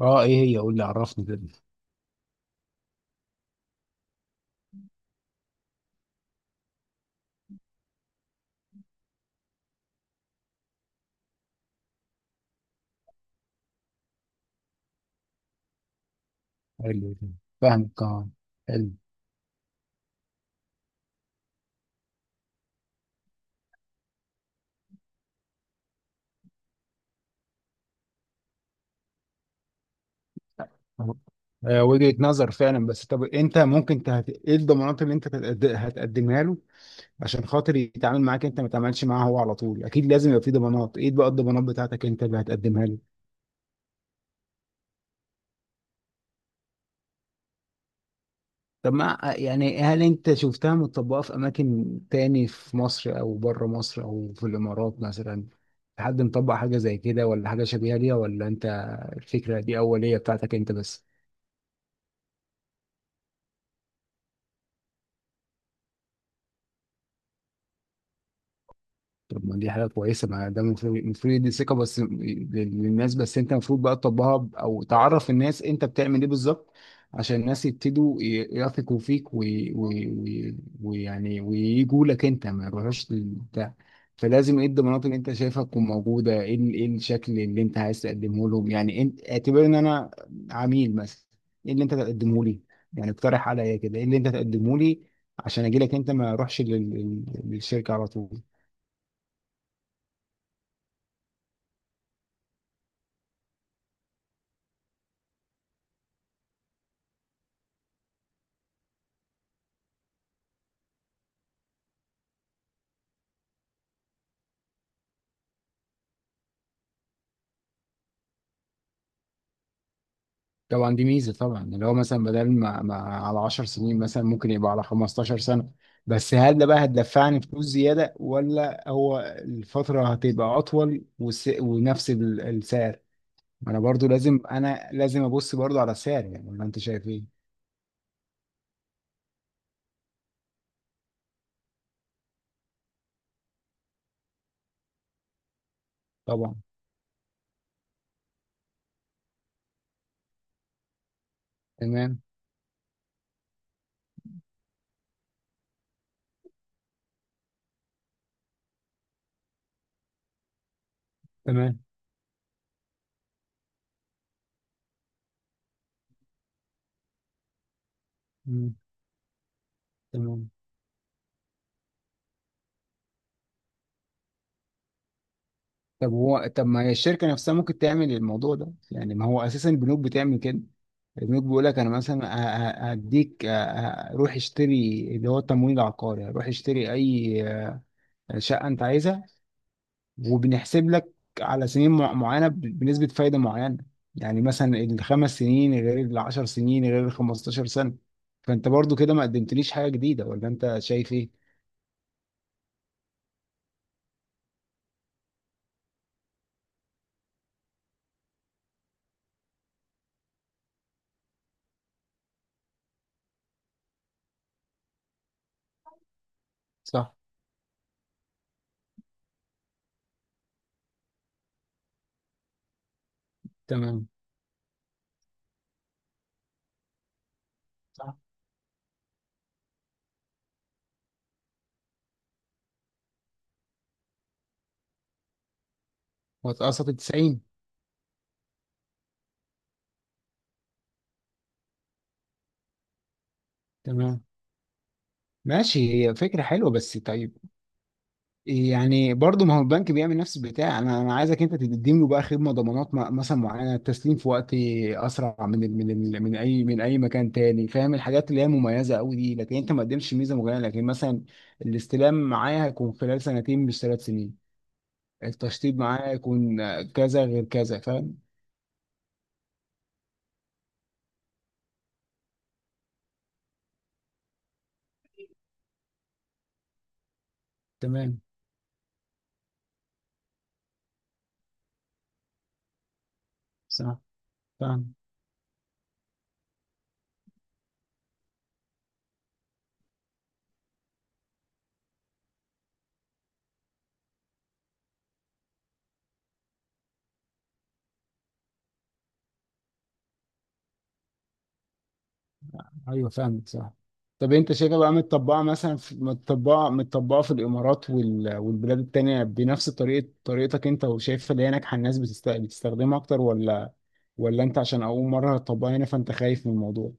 اه ايه هي قول لي عرفني كده. حلو كده. فاهمك اه، حلو. آه، وجهة نظر فعلا. بس طب انت ممكن ايه الضمانات اللي انت هتقدمها له عشان خاطر يتعامل معاك انت ما تعملش معاه هو على طول؟ اكيد لازم يبقى في ضمانات. ايه بقى الضمانات بتاعتك انت اللي هتقدمها له؟ طب ما يعني هل انت شفتها متطبقة في اماكن تاني في مصر او بره مصر او في الامارات مثلا؟ حد مطبق حاجة زي كده ولا حاجة شبيهة ليها، ولا انت الفكرة دي اولية بتاعتك انت بس؟ طب ما دي حاجة كويسة. ما ده المفروض دي ثقة بس للناس. بس انت المفروض بقى تطبقها او تعرف الناس انت بتعمل ايه بالظبط، عشان الناس يبتدوا يثقوا فيك، ويعني وي وي وي ويعني ويجوا لك انت ما يروحوش للبتاع. فلازم ايه الضمانات اللي انت شايفها تكون موجودة، ايه ايه الشكل اللي انت عايز تقدمه لهم. يعني انت اعتبر ان انا عميل مثلا، ايه اللي انت تقدمه لي؟ يعني اقترح عليا كده ايه اللي انت تقدمه لي عشان اجي لك انت ما اروحش للشركة على طول. طبعا دي ميزه. طبعا اللي هو مثلا بدل ما على 10 سنين مثلا ممكن يبقى على 15 سنه. بس هل ده بقى هتدفعني فلوس زياده، ولا هو الفتره هتبقى اطول ونفس السعر؟ ما انا برضو لازم ابص برضو على السعر، يعني ولا انت شايف ايه؟ طبعا. تمام. تمام. مم. تمام. طب هو طب ما هي الشركه نفسها ممكن تعمل الموضوع ده، يعني ما هو اساسا البنوك بتعمل كده. البنوك بيقول لك انا مثلا هديك روح اشتري اللي هو التمويل العقاري. روح اشتري اي شقه انت عايزها، وبنحسب لك على سنين معينه بنسبه فايده معينه. يعني مثلا الخمس سنين غير العشر سنين غير الخمستاشر سنه. فانت برضو كده ما قدمتليش حاجه جديده، ولا انت شايف ايه؟ صح. تمام. صح. واتقسط 90. تمام. ماشي، هي فكره حلوه. بس طيب، يعني برضه ما هو البنك بيعمل نفس البتاع. انا عايزك انت تقدم له بقى خدمه ضمانات مثلا معينه، التسليم في وقت اسرع من ال من ال من اي من اي مكان تاني. فاهم الحاجات اللي هي مميزه قوي دي؟ لكن انت ما قدمتش ميزه معينه. لكن مثلا الاستلام معايا هيكون خلال سنتين مش ثلاث سنين، التشطيب معايا هيكون كذا غير كذا، فاهم؟ تمام. صح. فاهم. ايوه، فاهمك، صح. طب انت شايفها بقى متطبقه مثلا في متطبقه في الامارات والبلاد التانية بنفس طريقتك انت، وشايفها اللي هي ناجحه الناس بتستخدمها اكتر، ولا ولا انت عشان اول مره هتطبقها هنا فانت خايف من الموضوع؟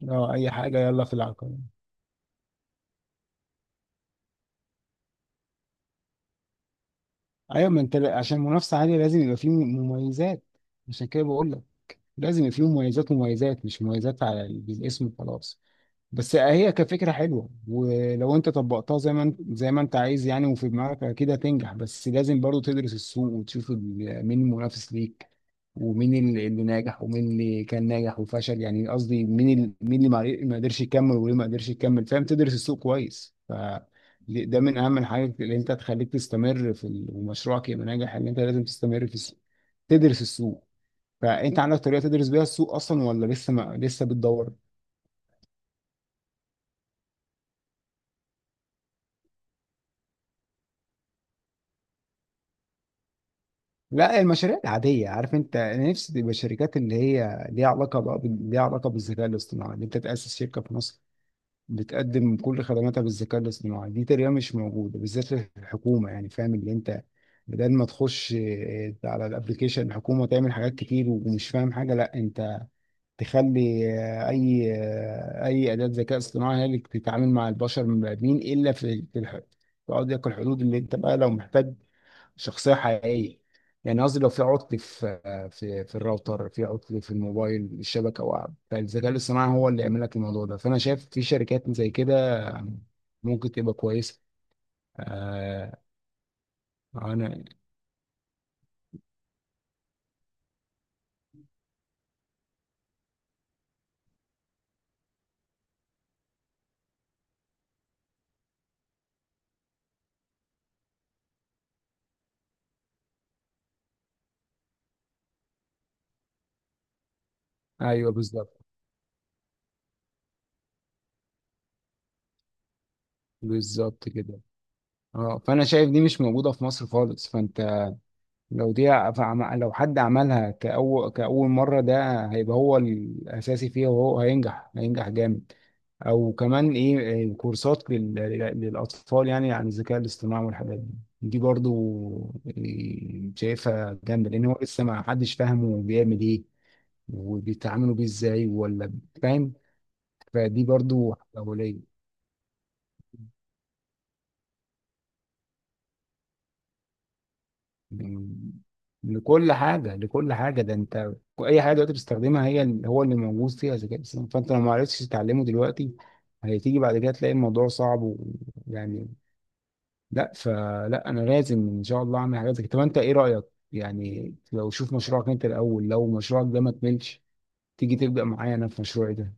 لا اي حاجه يلا في العقل. ايوه، ما انت عشان منافسه عاليه لازم يبقى فيه مميزات. عشان كده بقول لك لازم يبقى فيه مميزات، مميزات مش مميزات على الاسم وخلاص. بس هي كفكرة حلوة، ولو انت طبقتها زي ما انت عايز يعني وفي دماغك اكيد هتنجح. بس لازم برضو تدرس السوق وتشوف مين المنافس ليك، ومين اللي ناجح ومين اللي كان ناجح وفشل، يعني قصدي مين مين اللي ما قدرش يكمل وليه ما قدرش يكمل، فاهم؟ تدرس السوق كويس. ف ده من اهم الحاجات اللي انت تخليك تستمر في ومشروعك يبقى ناجح، ان انت لازم تستمر في السوق، تدرس السوق. فانت عندك طريقة تدرس بيها السوق اصلا، ولا لسه ما لسه بتدور؟ لا المشاريع العادية، عارف انت انا نفسي تبقى شركات اللي هي ليها علاقة بقى ليها علاقة بالذكاء الاصطناعي، ان انت تأسس شركة في مصر بتقدم كل خدماتها بالذكاء الاصطناعي. دي تقريبا مش موجودة بالذات للحكومة، يعني فاهم اللي انت، بدل ما تخش على الابليكيشن الحكومة تعمل حاجات كتير ومش فاهم حاجة، لا انت تخلي اي أداة ذكاء اصطناعي هي اللي تتعامل مع البشر المبادئين، الا في في في قضية الحدود اللي انت بقى لو محتاج شخصية حقيقية. يعني قصدي لو في عطل في في الراوتر، في عطل في الموبايل الشبكة، أو فالذكاء الاصطناعي هو اللي يعمل لك الموضوع ده. فأنا شايف في شركات زي كده ممكن تبقى كويسة. آه، أنا، أيوه بالظبط، بالظبط كده. اه فأنا شايف دي مش موجودة في مصر خالص. فأنت لو دي، لو حد عملها كأول مرة ده هيبقى هو الأساسي فيها، وهو هينجح، هينجح جامد. او كمان ايه، كورسات للاطفال يعني، عن الذكاء الاصطناعي والحاجات دي. دي برضو شايفها جامده، لان هو لسه ما حدش فاهمه بيعمل ايه وبيتعاملوا بيه ازاي، ولا فاهم. فدي برضو أولية. يعني لكل حاجه، ده انت اي حاجه دلوقتي بتستخدمها هي هو اللي موجود فيها ذكاء اصطناعي. فانت لو ما عرفتش تتعلمه دلوقتي هتيجي بعد كده تلاقي الموضوع صعب، ويعني لا فلا انا لازم ان شاء الله اعمل حاجات زي كده. طب انت ايه رايك؟ يعني لو شوف مشروعك انت الاول، لو مشروعك ده ما كملش تيجي تبدا معايا انا في مشروعي ده.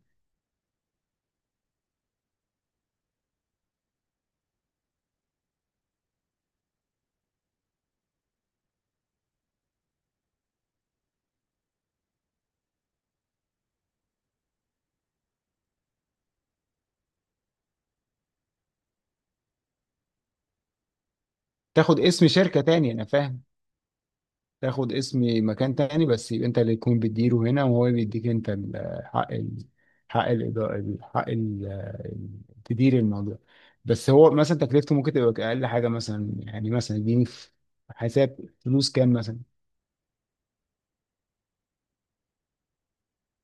تاخد اسم شركه تاني، انا فاهم، تاخد اسم مكان تاني، بس يبقى انت اللي تكون بتديره هنا، وهو بيديك انت حق حق ال حق ال تدير الموضوع. بس هو مثلا تكلفته ممكن تبقى اقل حاجه مثلا، يعني مثلا اديني في حساب فلوس كام مثلا؟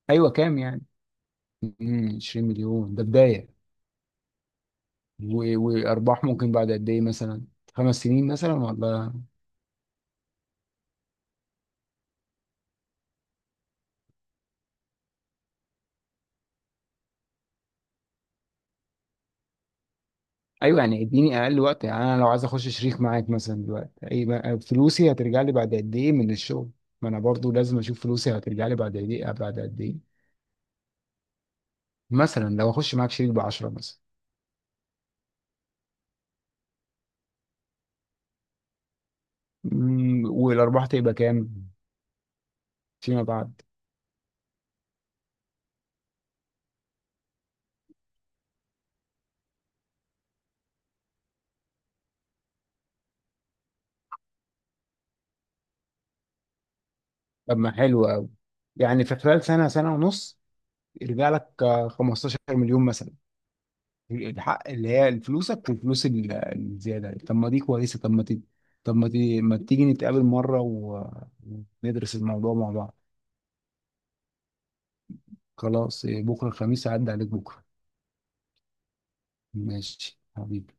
ايوه كام يعني؟ مم، 20 مليون ده بدايه، وارباح ممكن بعد قد ايه مثلا؟ خمس سنين مثلا، ولا؟ ايوه يعني اديني اقل وقت. يعني انا لو عايز اخش شريك معاك مثلا دلوقتي، اي فلوسي هترجع لي بعد قد ايه من الشغل؟ ما انا برضو لازم اشوف فلوسي هترجع لي بعد قد ايه بعد قد ايه، مثلا لو اخش معاك شريك ب 10 مثلا. أمم، والارباح تبقى كام فيما بعد؟ طب ما حلو قوي. يعني في خلال سنه سنه ونص يرجع لك آه، 15 مليون مثلا، الحق اللي هي فلوسك وفلوس الزيادة. طب ما دي كويسة. طب ما تيجي نتقابل مرة وندرس الموضوع مع بعض؟ خلاص بكرة الخميس هعدي عليك بكرة. ماشي حبيبي.